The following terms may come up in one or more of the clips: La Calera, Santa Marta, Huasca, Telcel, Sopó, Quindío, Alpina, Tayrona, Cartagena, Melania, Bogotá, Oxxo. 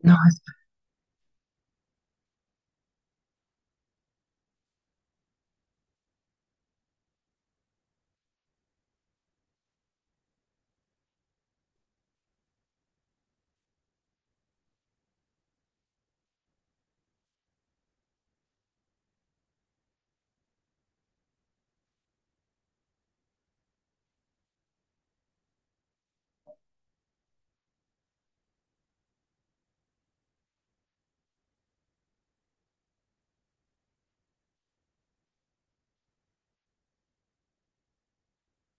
No,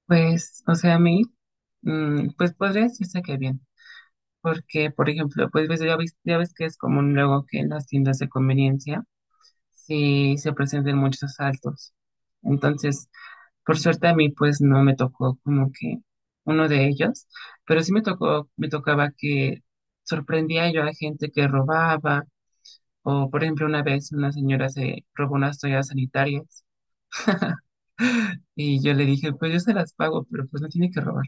pues, o sea, a mí, pues podría decirse que bien, porque, por ejemplo, pues ya ves que es común luego que en las tiendas de conveniencia sí se presenten muchos asaltos. Entonces, por suerte a mí, pues no me tocó como que uno de ellos, pero sí me tocaba que sorprendía yo a gente que robaba, o por ejemplo, una vez una señora se robó unas toallas sanitarias y yo le dije, pues yo se las pago, pero pues no tiene que robar.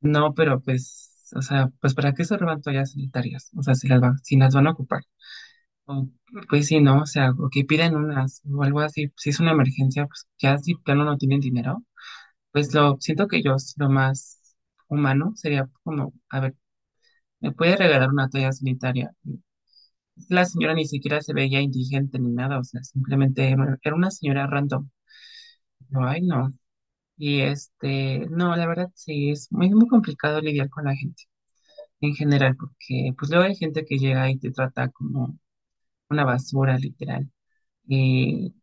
No, pero pues, o sea, pues ¿para qué se roban toallas sanitarias? O sea, si las van a ocupar. O, pues sí, ¿no? O sea, o que piden unas o algo así. Pues, si es una emergencia, pues ya si plano no tienen dinero, pues lo siento que yo es lo más humano sería como, a ver, ¿me puede regalar una toalla sanitaria? La señora ni siquiera se veía indigente ni nada, o sea, simplemente era una señora random. Yo, ay, no. Y este, no, la verdad sí, es muy, muy complicado lidiar con la gente en general, porque pues luego hay gente que llega y te trata como una basura, literal. Y,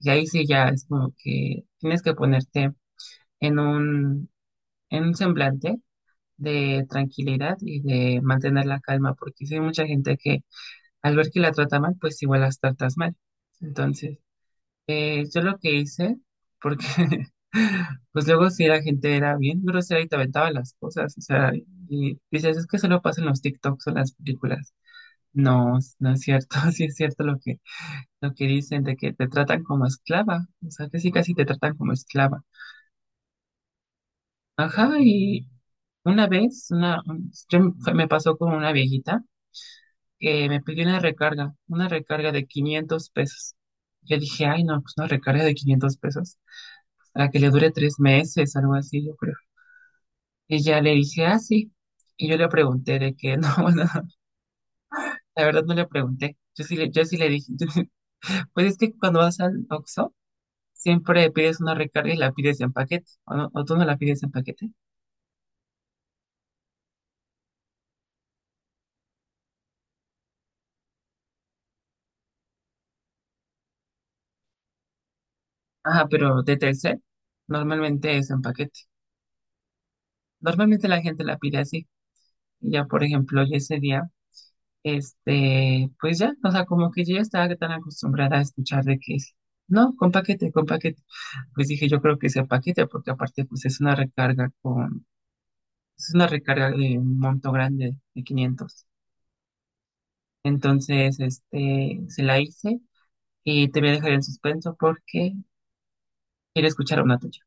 y ahí sí ya es como que tienes que ponerte en un, en un semblante de tranquilidad y de mantener la calma, porque sí hay mucha gente que al ver que la trata mal, pues igual las tratas mal. Entonces, yo lo que hice, porque pues luego si la gente era bien grosera y te aventaba las cosas, o sea, y dices, es que solo pasan los TikToks o las películas. No, no es cierto, sí es cierto lo que dicen de que te tratan como esclava, o sea, que sí casi te tratan como esclava. Ajá, y una vez, una, un- yo me fue- me pasó con una viejita que me pidió una recarga de 500 pesos. Yo dije, ay, no, pues una recarga de 500 pesos, para que le dure 3 meses, algo así, yo creo. Y ya le dije, ah, sí. Y yo le pregunté de que, no, bueno, la verdad no le pregunté. Yo sí le dije, pues es que cuando vas al OXXO, siempre pides una recarga y la pides en paquete, o, o tú no la pides en paquete. Ajá, pero de Telcel normalmente es en paquete. Normalmente la gente la pide así. Y ya, por ejemplo, yo ese día, este, pues ya, o sea, como que yo ya estaba tan acostumbrada a escuchar de que es, no, con paquete, con paquete. Pues dije, yo creo que es en paquete, porque aparte, pues es una recarga con, es una recarga de un monto grande, de 500. Entonces, este, se la hice y te voy a dejar en suspenso porque quiero escuchar una tuya.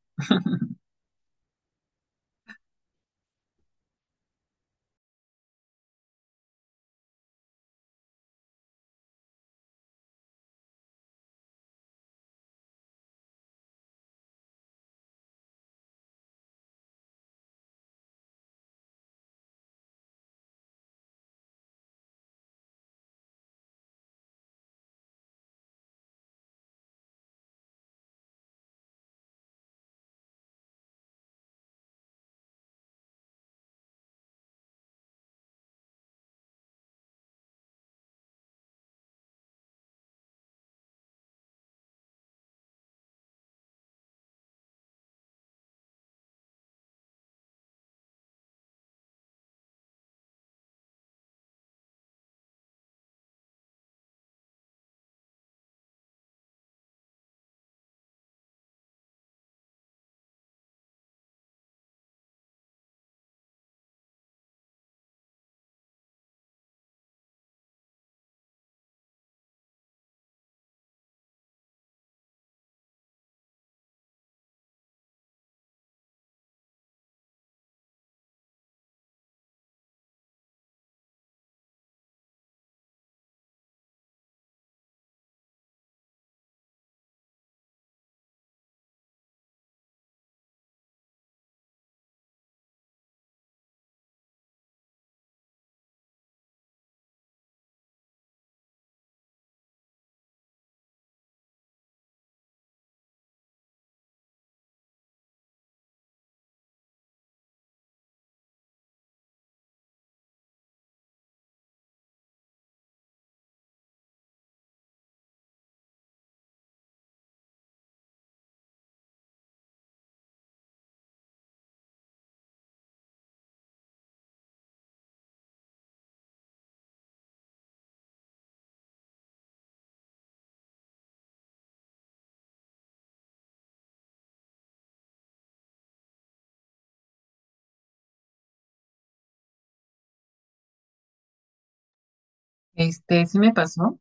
Este, sí me pasó,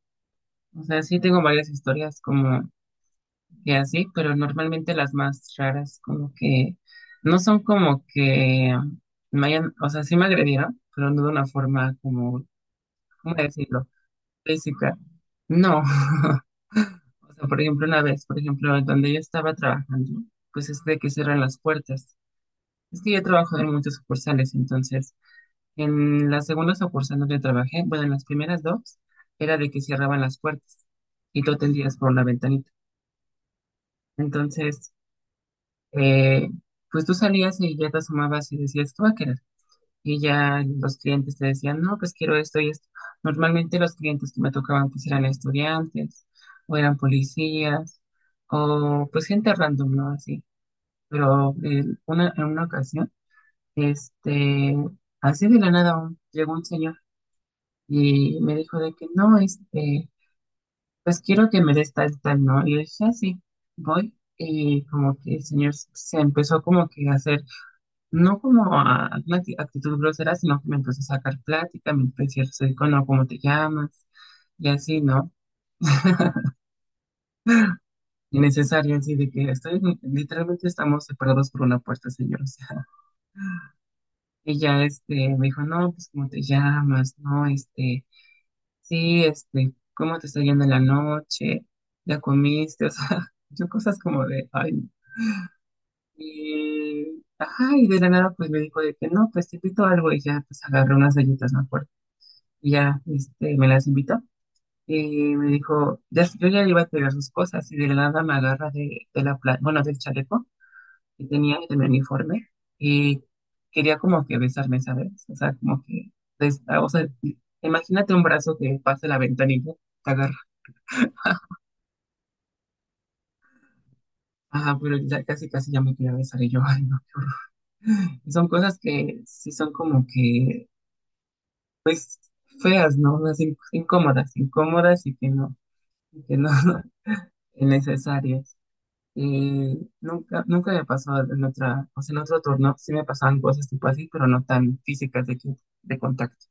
o sea, sí tengo varias historias como que así, pero normalmente las más raras como que no son como que me hayan, o sea, sí me agredieron, pero no de una forma como, ¿cómo decirlo? Física. No, o sea, por ejemplo, una vez, por ejemplo, donde yo estaba trabajando, pues es de que cierran las puertas. Es que yo trabajo en muchas sucursales, entonces en las segundas sucursal donde trabajé, bueno, en las primeras dos, era de que cerraban las puertas y tú te atendías por la ventanita. Entonces, eh, pues tú salías y ya te asomabas y decías, ¿tú a querer? Y ya los clientes te decían, no, pues quiero esto y esto. Normalmente los clientes que me tocaban pues eran estudiantes o eran policías o pues gente random, ¿no? Así. Pero una, en una ocasión, este, así de la nada, llegó un señor y me dijo de que no, este, pues quiero que me des tal, tal, ¿no? Y yo dije, así, voy. Y como que el señor se empezó como que a hacer, no como a una actitud grosera, sino que me empezó a sacar plática, me empezó a decir, no, ¿cómo te llamas? Y así, ¿no? Innecesario, así de que estoy, literalmente estamos separados por una puerta, señor. O sea, y ya este, me dijo, no, pues, ¿cómo te llamas? No, este, sí, este, ¿cómo te está yendo en la noche? ¿Ya comiste? O sea, yo cosas como de, ay, y, ajá, y de la nada pues me dijo de que no, pues te invito a algo y ya pues agarré unas galletas, me acuerdo. Y ya, este, me las invitó y me dijo, ya, yo ya iba a pegar sus cosas y de la nada me agarra de la, bueno, del chaleco que tenía y de mi uniforme y quería como que besarme, ¿sabes? O sea, como que, o sea, imagínate un brazo que pase la ventanilla, te agarra. Ajá, pero ya casi casi ya me quería besar y yo, ay, no. Y son cosas que sí son como que feas, ¿no? Unas incómodas, incómodas y que no, innecesarias. Nunca, nunca me pasó en otra, o sea, en otro turno sí me pasaban cosas tipo así, pero no tan físicas de, de contacto.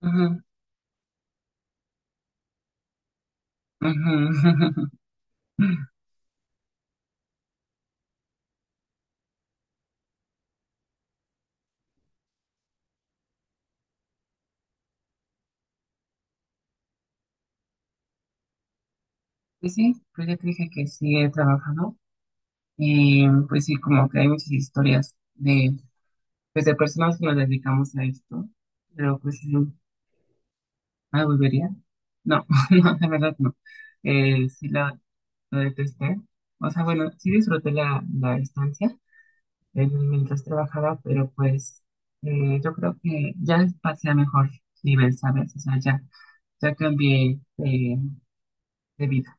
Ujú, ujú. Pues sí, pues ya te dije que sí he trabajado. Y pues sí, como que hay muchas historias de pues de personas que nos dedicamos a esto, pero pues sí, no, ¿la volvería? No, no, la verdad no. Sí la detesté. O sea, bueno, sí disfruté la estancia mientras trabajaba, pero pues yo creo que ya pasé a mejor nivel, ¿sabes? O sea, ya, ya cambié de vida.